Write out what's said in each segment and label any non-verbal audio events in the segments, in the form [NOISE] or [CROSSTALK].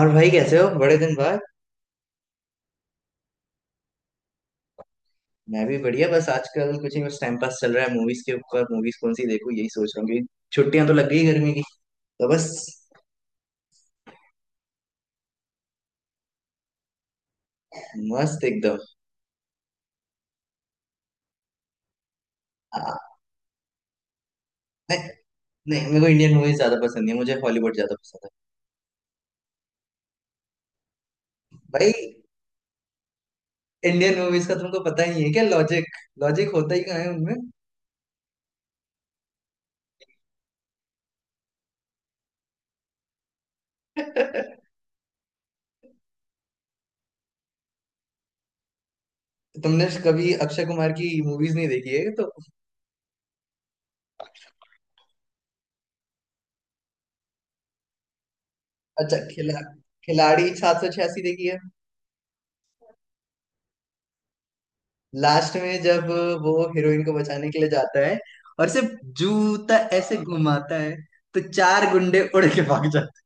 और भाई कैसे हो बड़े दिन बाद। मैं भी बढ़िया। बस आजकल कुछ नहीं। बस टाइम पास चल रहा है। मूवीज के ऊपर मूवीज कौन सी देखूं यही सोच रहा हूँ कि छुट्टियां तो लग गई गर्मी की। तो बस। मस्त एकदम। आ, नहीं। नहीं, मेरे को इंडियन मूवीज ज्यादा पसंद नहीं है, मुझे हॉलीवुड ज्यादा पसंद है। भाई, इंडियन मूवीज का तुमको पता ही नहीं है क्या लॉजिक। लॉजिक होता ही कहाँ है उनमें। [LAUGHS] तुमने कभी अक्षय कुमार की मूवीज नहीं देखी है तो। अच्छा। खिलाड़ी 786 देखी है। लास्ट में जब वो हीरोइन को बचाने के लिए जाता है और सिर्फ जूता ऐसे घुमाता है तो चार गुंडे उड़ के भाग जाते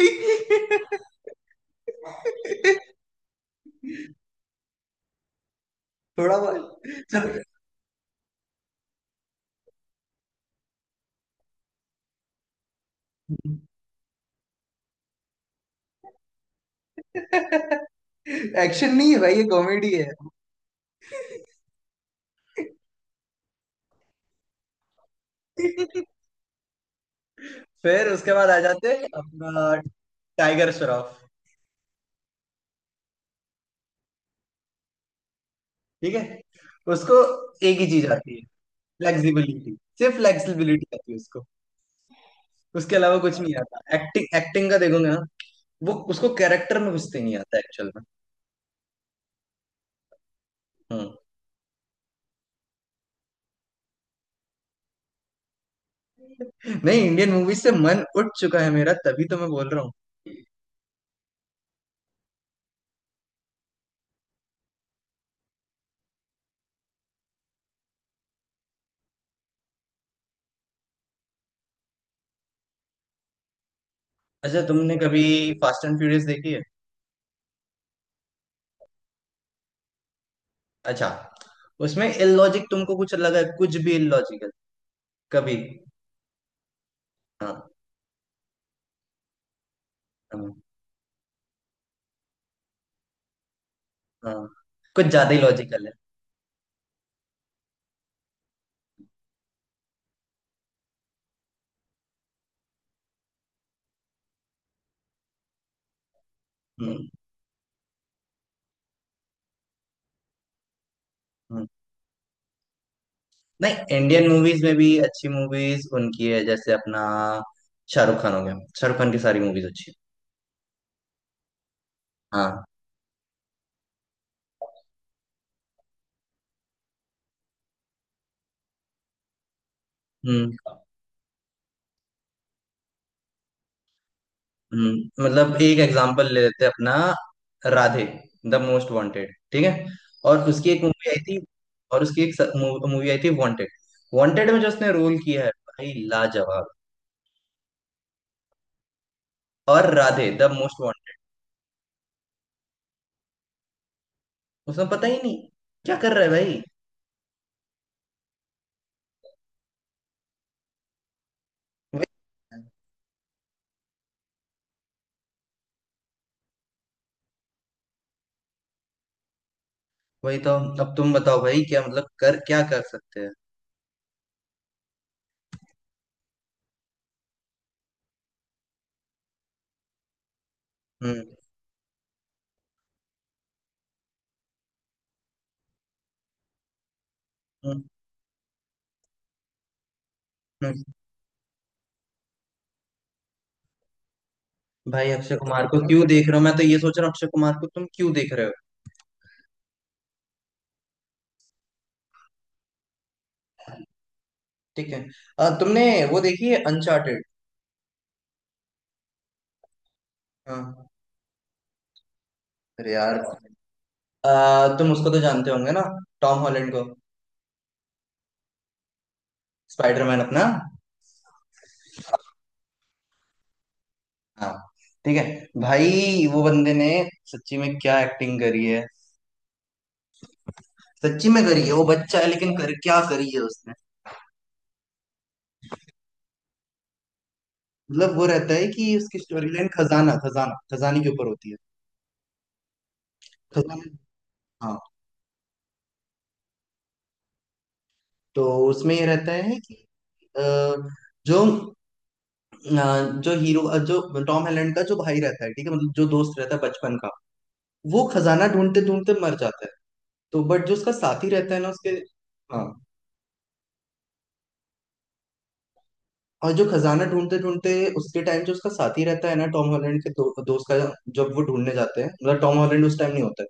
हैं। [LAUGHS] थोड़ा बहुत। चल। एक्शन नहीं है भाई, ये कॉमेडी है। फिर उसके बाद आ जाते हैं अपना टाइगर श्रॉफ। ठीक है। उसको एक ही चीज आती है। फ्लेक्सिबिलिटी, सिर्फ फ्लेक्सिबिलिटी आती है उसको। उसके अलावा कुछ नहीं आता। एक्टिंग, एक्टिंग का देखोगे ना, वो उसको कैरेक्टर में घुसते नहीं आता एक्चुअल में। हम्म। नहीं, इंडियन मूवीज से मन उठ चुका है मेरा, तभी तो मैं बोल रहा हूँ। अच्छा, तुमने कभी फास्ट एंड फ्यूरियस देखी है। अच्छा, उसमें इलॉजिक तुमको कुछ लगा है, कुछ भी इलॉजिकल कभी। हाँ हाँ। हाँ, कुछ ज्यादा ही लॉजिकल है। हम्म। हम्म। नहीं, इंडियन मूवीज में भी अच्छी मूवीज उनकी है। जैसे अपना शाहरुख खान हो गया। शाहरुख खान की सारी मूवीज अच्छी हैं। हाँ। हम्म। मतलब एक एग्जांपल ले लेते हैं अपना। राधे द मोस्ट वांटेड, ठीक है, और उसकी एक मूवी आई थी, और उसकी एक मूवी आई थी वांटेड। वांटेड में जो उसने रोल किया है भाई, लाजवाब। और राधे द मोस्ट वांटेड, उसमें पता ही नहीं क्या कर रहा है भाई। वही। वही तो। अब तुम बताओ भाई, क्या मतलब कर, क्या कर सकते हैं। हम्म। हम्म, हम्म। भाई, अक्षय कुमार को क्यों देख रहे हो। मैं तो ये सोच रहा हूँ अक्षय कुमार को तुम क्यों देख रहे हो। ठीक है। तुमने वो देखी है अनचार्टेड। हाँ। अरे यार, तुम उसको तो जानते होंगे ना, टॉम हॉलैंड को। स्पाइडरमैन अपना। हाँ। ठीक है। भाई, वो बंदे ने सच्ची में क्या एक्टिंग करी है। सच्ची में करी है। वो बच्चा है लेकिन कर क्या करी है उसने। मतलब वो रहता है कि उसकी स्टोरी लाइन खजाना, खजाना, खजाने के ऊपर होती है। खजाना। हाँ। तो उसमें ये रहता है कि अ, जो अ, जो हीरो, जो टॉम हॉलैंड का जो भाई रहता है ठीक है, मतलब जो दोस्त रहता है बचपन का, वो खजाना ढूंढते ढूंढते मर जाता है। तो बट जो उसका साथी रहता है ना उसके। हाँ। और जो खजाना ढूंढते ढूंढते उसके टाइम जो उसका साथी रहता है ना टॉम हॉलैंड के दोस्त का, जब वो ढूंढने जाते हैं मतलब टॉम हॉलैंड उस टाइम नहीं होता है,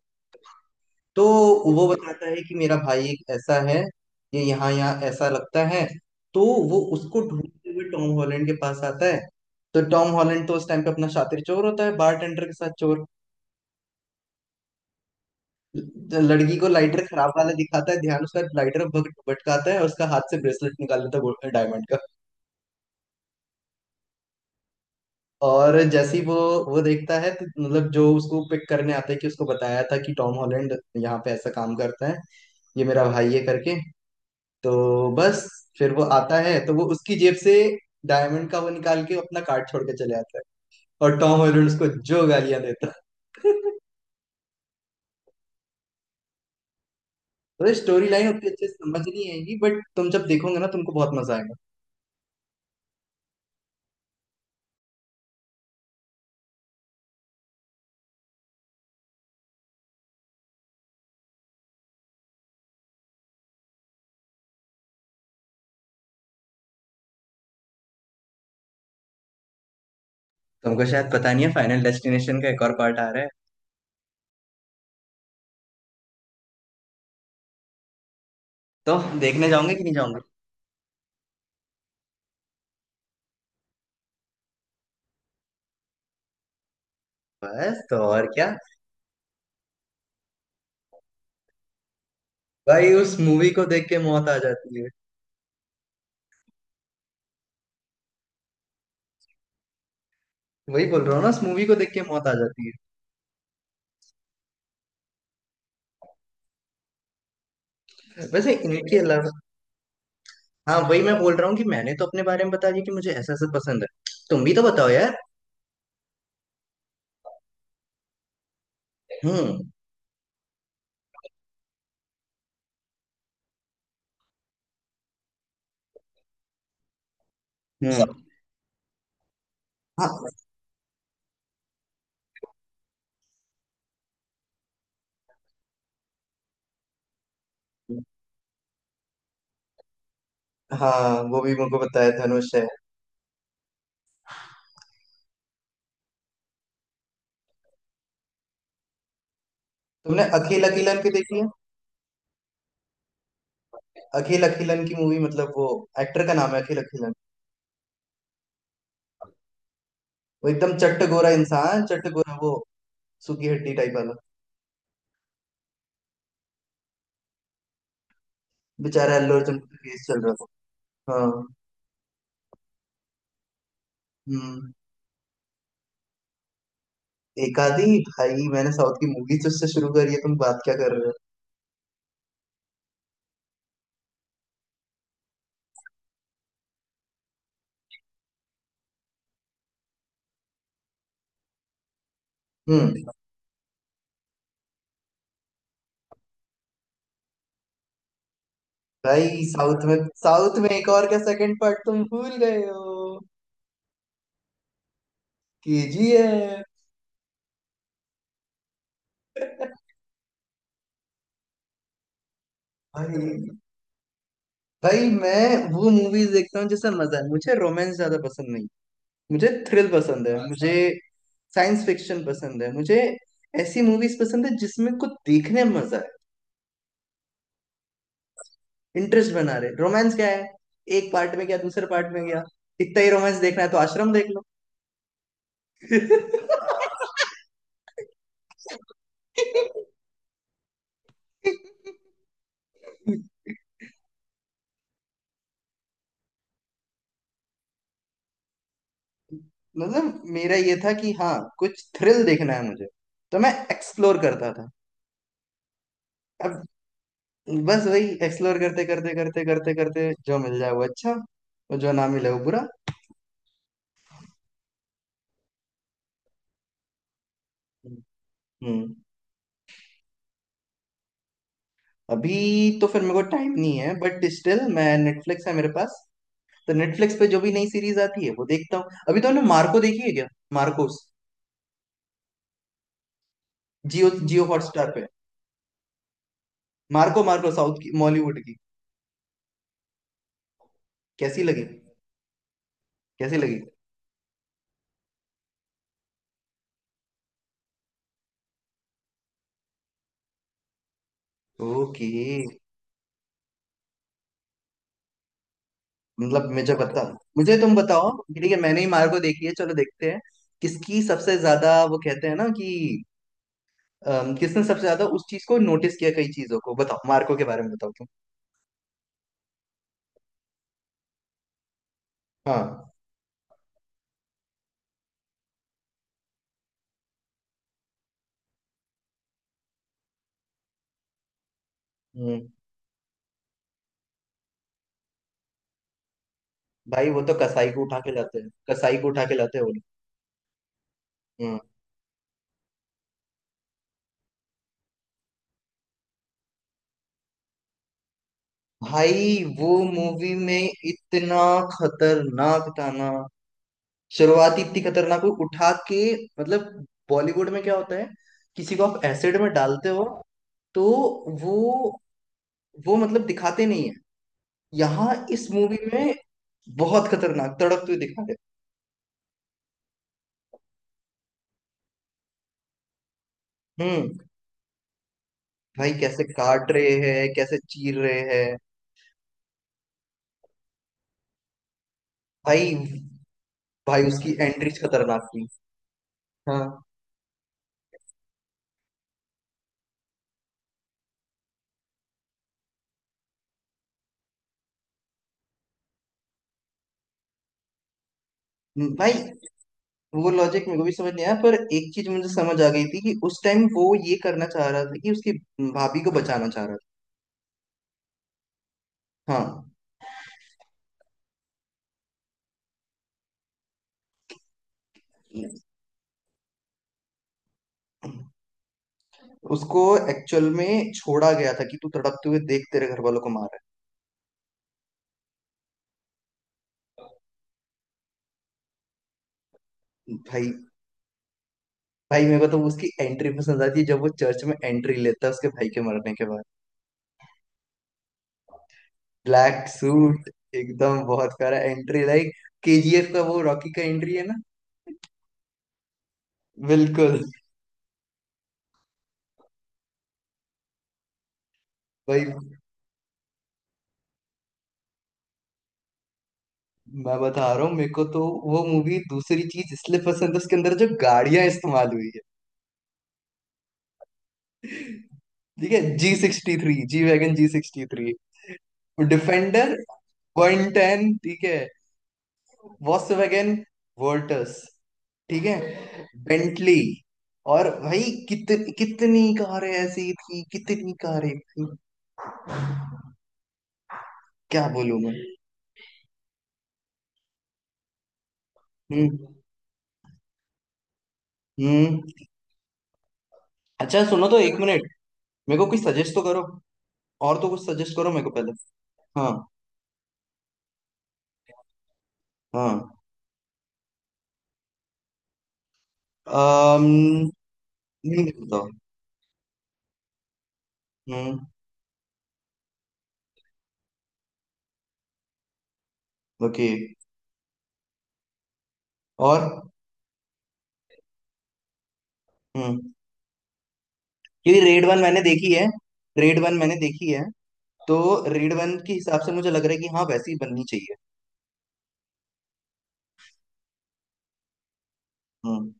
तो वो बताता है कि मेरा भाई एक ऐसा है, ये यहाँ यहाँ ऐसा लगता है, तो वो उसको ढूंढते हुए टॉम हॉलैंड के पास आता है। तो टॉम हॉलैंड तो उस टाइम पे अपना शातिर चोर होता है, बारटेंडर के साथ चोर। लड़की को लाइटर खराब वाला दिखाता है, ध्यान उसका लाइटर भटकाता है और उसका हाथ से ब्रेसलेट निकाल लेता है, डायमंड। और जैसे ही वो देखता है तो मतलब जो उसको पिक करने आता है, कि उसको बताया था कि टॉम हॉलैंड यहाँ पे ऐसा काम करता है, ये मेरा भाई है करके, तो बस, फिर वो आता है तो वो उसकी जेब से डायमंड का वो निकाल के अपना कार्ड छोड़ के चले आता है, और टॉम हॉलैंड उसको जो गालियां देता है। [LAUGHS] तो स्टोरी लाइन उतनी अच्छे से समझ नहीं आएगी बट तुम जब देखोगे ना तुमको बहुत मजा आएगा। तुमको शायद पता नहीं है, फाइनल डेस्टिनेशन का एक और पार्ट आ रहा है। तो देखने जाओगे कि नहीं जाओगे। बस, तो और क्या। भाई उस मूवी को देख के मौत आ जाती है। वही बोल रहा हूँ ना, उस मूवी को देख के मौत आ जाती है। वैसे इनके अलावा, हाँ वही मैं बोल रहा हूँ कि मैंने तो अपने बारे में बता दिया कि मुझे ऐसा ऐसा पसंद है। तुम भी तो बताओ यार। हम्म। सब। हम्म। हाँ हाँ, वो भी मुझको बताया धनुष है। तुमने अखिल अखिलन की देखी है। अखिल अखिलन की मूवी मतलब वो, एक्टर का नाम है अखिल अखिलन। वो एकदम चट्ट गोरा इंसान, चट्ट गोरा वो, सूखी हड्डी टाइप वाला। बेचारा अल्लू अर्जुन का केस चल रहा था। हाँ। हम्म। एक आधी? भाई मैंने साउथ की मूवीज से शुरू करी है, तुम बात क्या कर रहे हो। हम्म। भाई साउथ में, साउथ में एक और का सेकंड पार्ट तुम भूल गए हो। केजीएफ। भाई। भाई मैं वो मूवीज देखता हूँ जिसमें मजा है। मुझे रोमांस ज्यादा पसंद नहीं, मुझे थ्रिल पसंद है। मुझे साइंस फिक्शन पसंद है। मुझे ऐसी मूवीज पसंद है जिसमें कुछ देखने में मजा है। इंटरेस्ट बना रहे। रोमांस क्या है, एक पार्ट में गया दूसरे पार्ट में गया। इतना ही रोमांस देखना है तो आश्रम देख लो। [LAUGHS] मतलब मेरा ये था कि हाँ कुछ थ्रिल देखना है मुझे, तो मैं एक्सप्लोर करता था। अब बस वही एक्सप्लोर करते करते करते करते करते जो मिल जाए वो अच्छा, और जो ना मिले वो बुरा। हम्म। अभी? तो फिर मेरे को टाइम नहीं है बट स्टिल, मैं, नेटफ्लिक्स है मेरे पास। तो नेटफ्लिक्स पे जो भी नई सीरीज आती है वो देखता हूँ। अभी तो हमने मार्को देखी है क्या, मार्कोस। जियो, जियो हॉटस्टार पे। मार्को। मार्को साउथ की, बॉलीवुड की। कैसी लगी, कैसी लगी। ओके। मतलब मुझे बता, मुझे तुम बताओ कि ठीक है मैंने ही मार्को देखी है चलो देखते हैं। किसकी सबसे ज्यादा, वो कहते हैं ना कि, किसने सबसे ज्यादा उस चीज को नोटिस किया। कई चीजों को बताओ, मार्को के बारे में बताओ तुम। हाँ। हम्म। भाई वो तो कसाई को उठा के लाते हैं, कसाई को उठा के लाते हैं वो लोग। हम्म। भाई वो मूवी में इतना खतरनाक था ना, शुरुआत ही इतनी खतरनाक हुई, उठा के, मतलब बॉलीवुड में क्या होता है, किसी को आप एसिड में डालते हो तो वो वो मतलब दिखाते नहीं है, यहाँ इस मूवी में बहुत खतरनाक तड़पते हुए दिखा रहे हैं। हम्म। भाई कैसे काट रहे हैं, कैसे चीर रहे हैं। भाई। भाई उसकी एंट्रीज खतरनाक थी। हाँ। भाई वो लॉजिक मेरे को भी समझ नहीं आया, पर एक चीज मुझे समझ आ गई थी कि उस टाइम वो ये करना चाह रहा था कि उसकी भाभी को बचाना चाह रहा था। हाँ। उसको एक्चुअल में छोड़ा गया था कि तू तड़पते हुए देख तेरे घर वालों को मारा है। भाई। भाई मेरे को तो उसकी एंट्री पसंद आती है, जब वो चर्च में एंट्री लेता है उसके भाई के मरने के बाद। ब्लैक सूट, एकदम, बहुत प्यारा एंट्री, लाइक केजीएफ का वो रॉकी का एंट्री है ना। बिल्कुल। भाई मैं बता रहा हूँ, मेरे को तो वो मूवी दूसरी चीज इसलिए पसंद है उसके अंदर जो गाड़ियां इस्तेमाल हुई है। ठीक है, जी 63, जी वैगन, जी 63, डिफेंडर 110, ठीक है, वॉक्सवैगन, वोल्टस, ठीक है, बेंटली, और भाई कित, कितनी कारें ऐसी थी, कितनी कारें थी, क्या बोलूं मैं। हम्म। हम्म। अच्छा सुनो तो, एक मिनट। मेरे को कुछ सजेस्ट तो करो। और तो कुछ सजेस्ट करो मेरे को पहले। हाँ। हाँ। अम, नहीं, बताओ। हम्म। ओके। और। हम्म। क्योंकि रेड वन मैंने देखी है, रेड वन मैंने देखी है, तो रेड वन के हिसाब से मुझे लग रहा है कि हाँ वैसी बननी चाहिए। हम्म।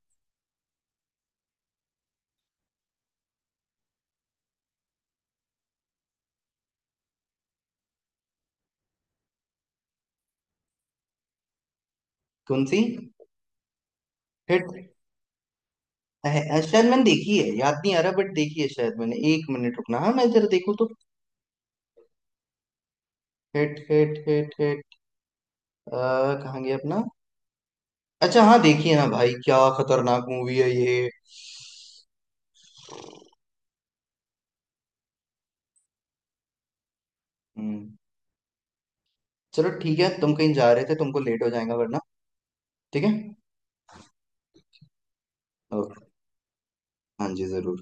कौन सी। हिट। शायद मैंने देखी है, याद नहीं आ रहा, बट देखी है शायद मैंने। एक मिनट रुकना, हाँ मैं जरा देखूँ तो। Hit hit hit hit. अ, कहाँ गया अपना। अच्छा हाँ, देखिए ना भाई क्या खतरनाक मूवी है ये। हम्म। चलो ठीक है, तुम कहीं जा रहे थे तुमको लेट हो जाएगा वरना। ठीक है। ओके। हाँ जी, जरूर।